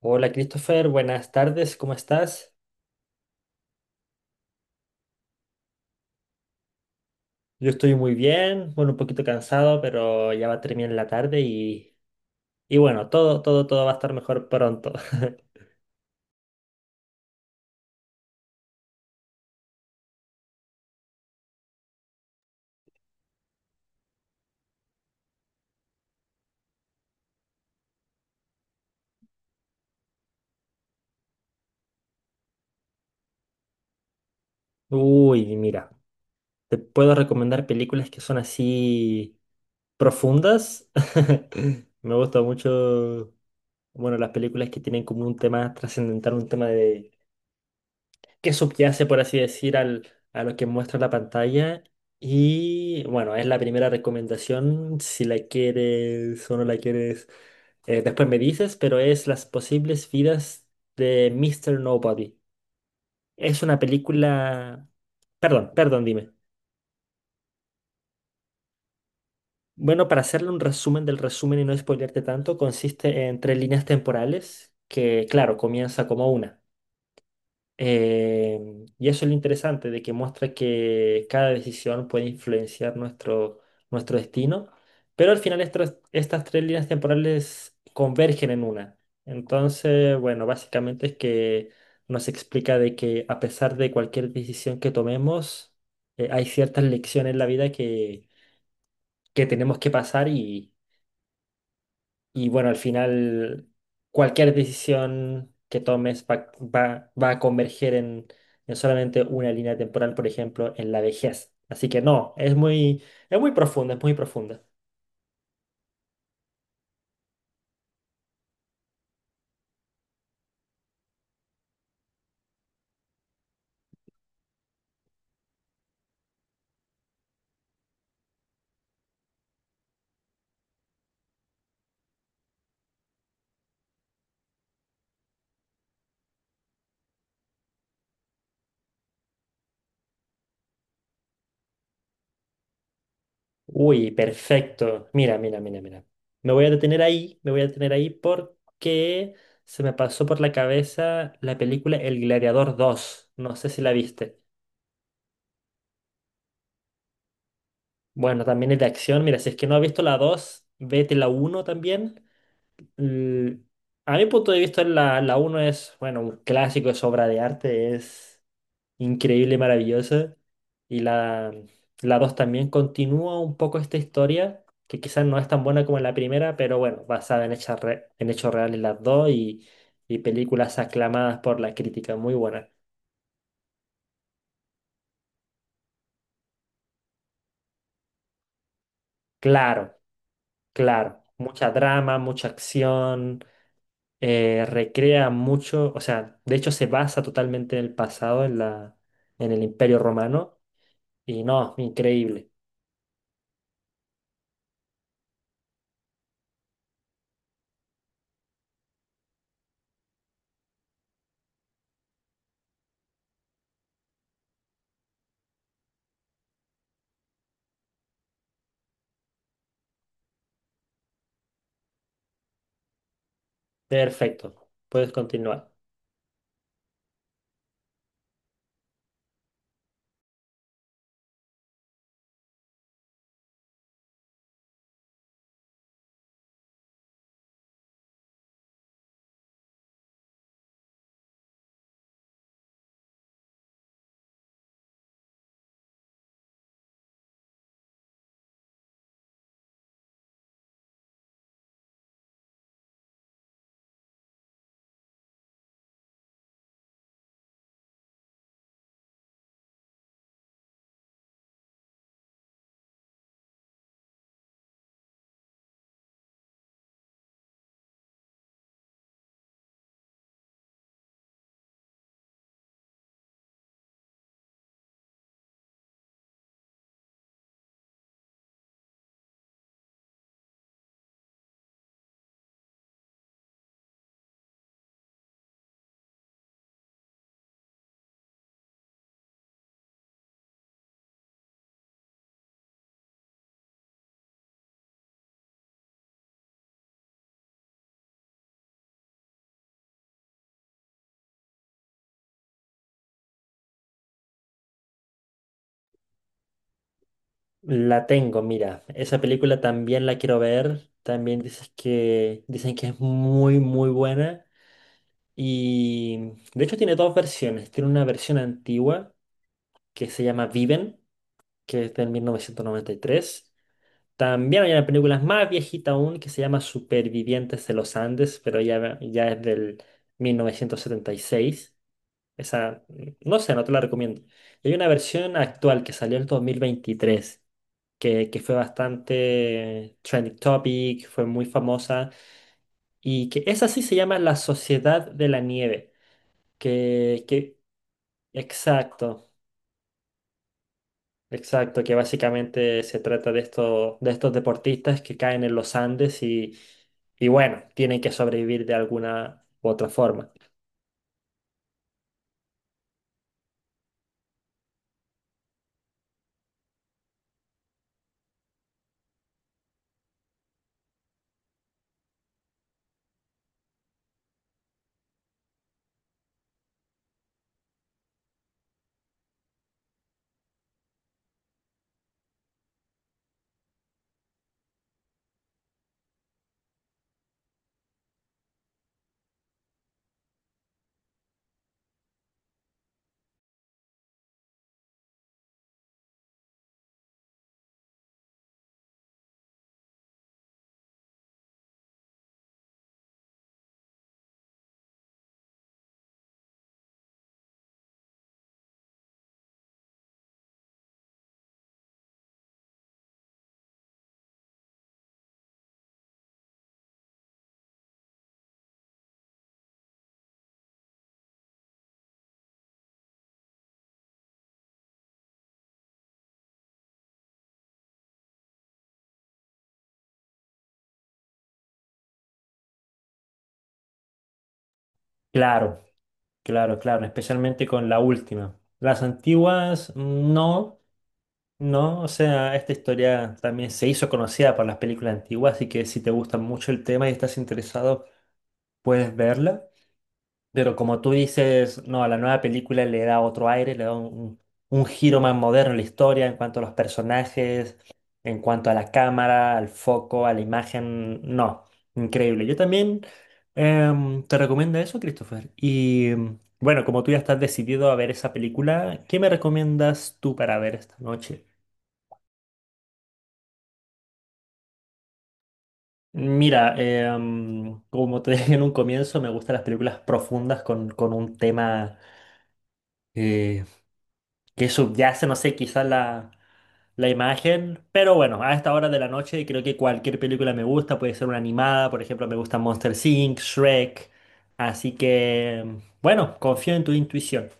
Hola Christopher, buenas tardes, ¿cómo estás? Yo estoy muy bien, bueno, un poquito cansado, pero ya va a terminar la tarde y bueno, todo va a estar mejor pronto. Uy, mira, te puedo recomendar películas que son así profundas. Me gusta mucho, bueno, las películas que tienen como un tema trascendental, un tema de que subyace, por así decir, al, a lo que muestra la pantalla. Y bueno, es la primera recomendación, si la quieres o no la quieres, después me dices, pero es Las posibles vidas de Mister Nobody. Es una película. Perdón, perdón, dime. Bueno, para hacerle un resumen del resumen y no spoilearte tanto, consiste en tres líneas temporales que, claro, comienza como una. Y eso es lo interesante, de que muestra que cada decisión puede influenciar nuestro destino, pero al final estas tres líneas temporales convergen en una. Entonces, bueno, básicamente es que nos explica de que a pesar de cualquier decisión que tomemos, hay ciertas lecciones en la vida que tenemos que pasar y bueno, al final cualquier decisión que tomes va a converger en solamente una línea temporal, por ejemplo, en la vejez. Así que no, es muy profunda, es muy profunda. Uy, perfecto. Mira, mira, mira, mira. Me voy a detener ahí, me voy a detener ahí porque se me pasó por la cabeza la película El Gladiador dos. No sé si la viste. Bueno, también es de acción. Mira, si es que no has visto la 2 vete la uno también. Mm, a mi punto de vista, la uno es, bueno, un clásico, es obra de arte, es increíble, y maravillosa. Y la 2 también continúa un poco esta historia, que quizás no es tan buena como la primera, pero bueno, basada en, hechas re- en hechos reales las dos y películas aclamadas por la crítica, muy buenas. Claro, claro, mucha drama, mucha acción, recrea mucho, o sea, de hecho se basa totalmente en el pasado, en la, en el Imperio Romano. Y no, increíble. Perfecto. Puedes continuar. La tengo, mira. Esa película también la quiero ver. También dices que dicen que es muy, muy buena. Y de hecho tiene dos versiones. Tiene una versión antigua que se llama Viven, que es de 1993. También hay una película más viejita aún que se llama Supervivientes de los Andes, pero ya, ya es del 1976. Esa, no sé, no te la recomiendo. Y hay una versión actual que salió en el 2023, que fue bastante trending topic, fue muy famosa, y que esa sí se llama La Sociedad de la Nieve, que exacto, exacto, que básicamente se trata de, esto, de estos deportistas que caen en los Andes y bueno, tienen que sobrevivir de alguna u otra forma. Claro, claro, claro, especialmente con la última. Las antiguas no, no, o sea, esta historia también se hizo conocida por las películas antiguas, así que si te gusta mucho el tema y estás interesado, puedes verla. Pero como tú dices, no, a la nueva película le da otro aire, le da un giro más moderno a la historia en cuanto a los personajes, en cuanto a la cámara, al foco, a la imagen. No, increíble. Yo también te recomiendo eso, Christopher. Bueno, como tú ya estás decidido a ver esa película, ¿qué me recomiendas tú para ver esta noche? Mira, como te dije en un comienzo, me gustan las películas profundas con un tema eh, que subyace, no sé, quizás la, la imagen, pero bueno, a esta hora de la noche creo que cualquier película me gusta, puede ser una animada, por ejemplo, me gusta Monster Inc., Shrek, así que bueno, confío en tu intuición.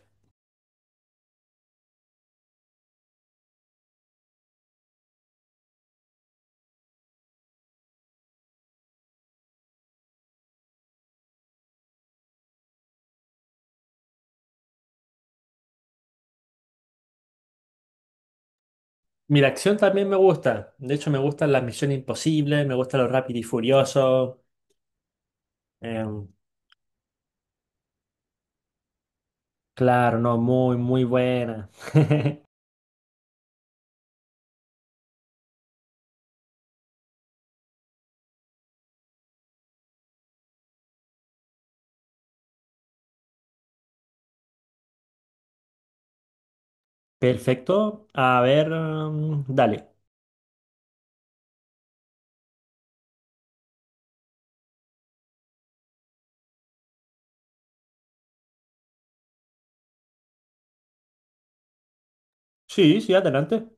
Mira, acción también me gusta. De hecho, me gustan las misiones imposibles, me gusta lo rápido y furioso. Em, claro, no, muy, muy buena. Perfecto. A ver, dale. Sí, sí, adelante.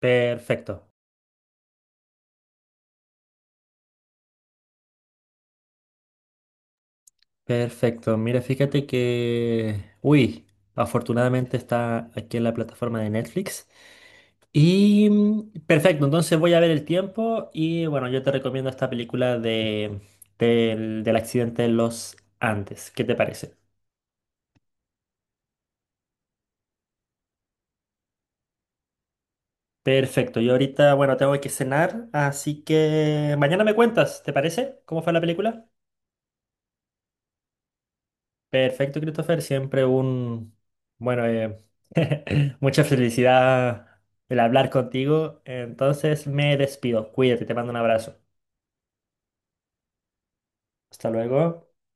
Perfecto. Perfecto. Mira, fíjate que, uy, afortunadamente está aquí en la plataforma de Netflix. Y mm, perfecto, entonces voy a ver el tiempo y bueno, yo te recomiendo esta película de, del, del accidente de los Andes. ¿Qué te parece? Perfecto, yo ahorita, bueno, tengo que cenar, así que mañana me cuentas, ¿te parece? ¿Cómo fue la película? Perfecto, Christopher. Siempre un, bueno, mucha felicidad el hablar contigo. Entonces me despido. Cuídate, te mando un abrazo. Hasta luego.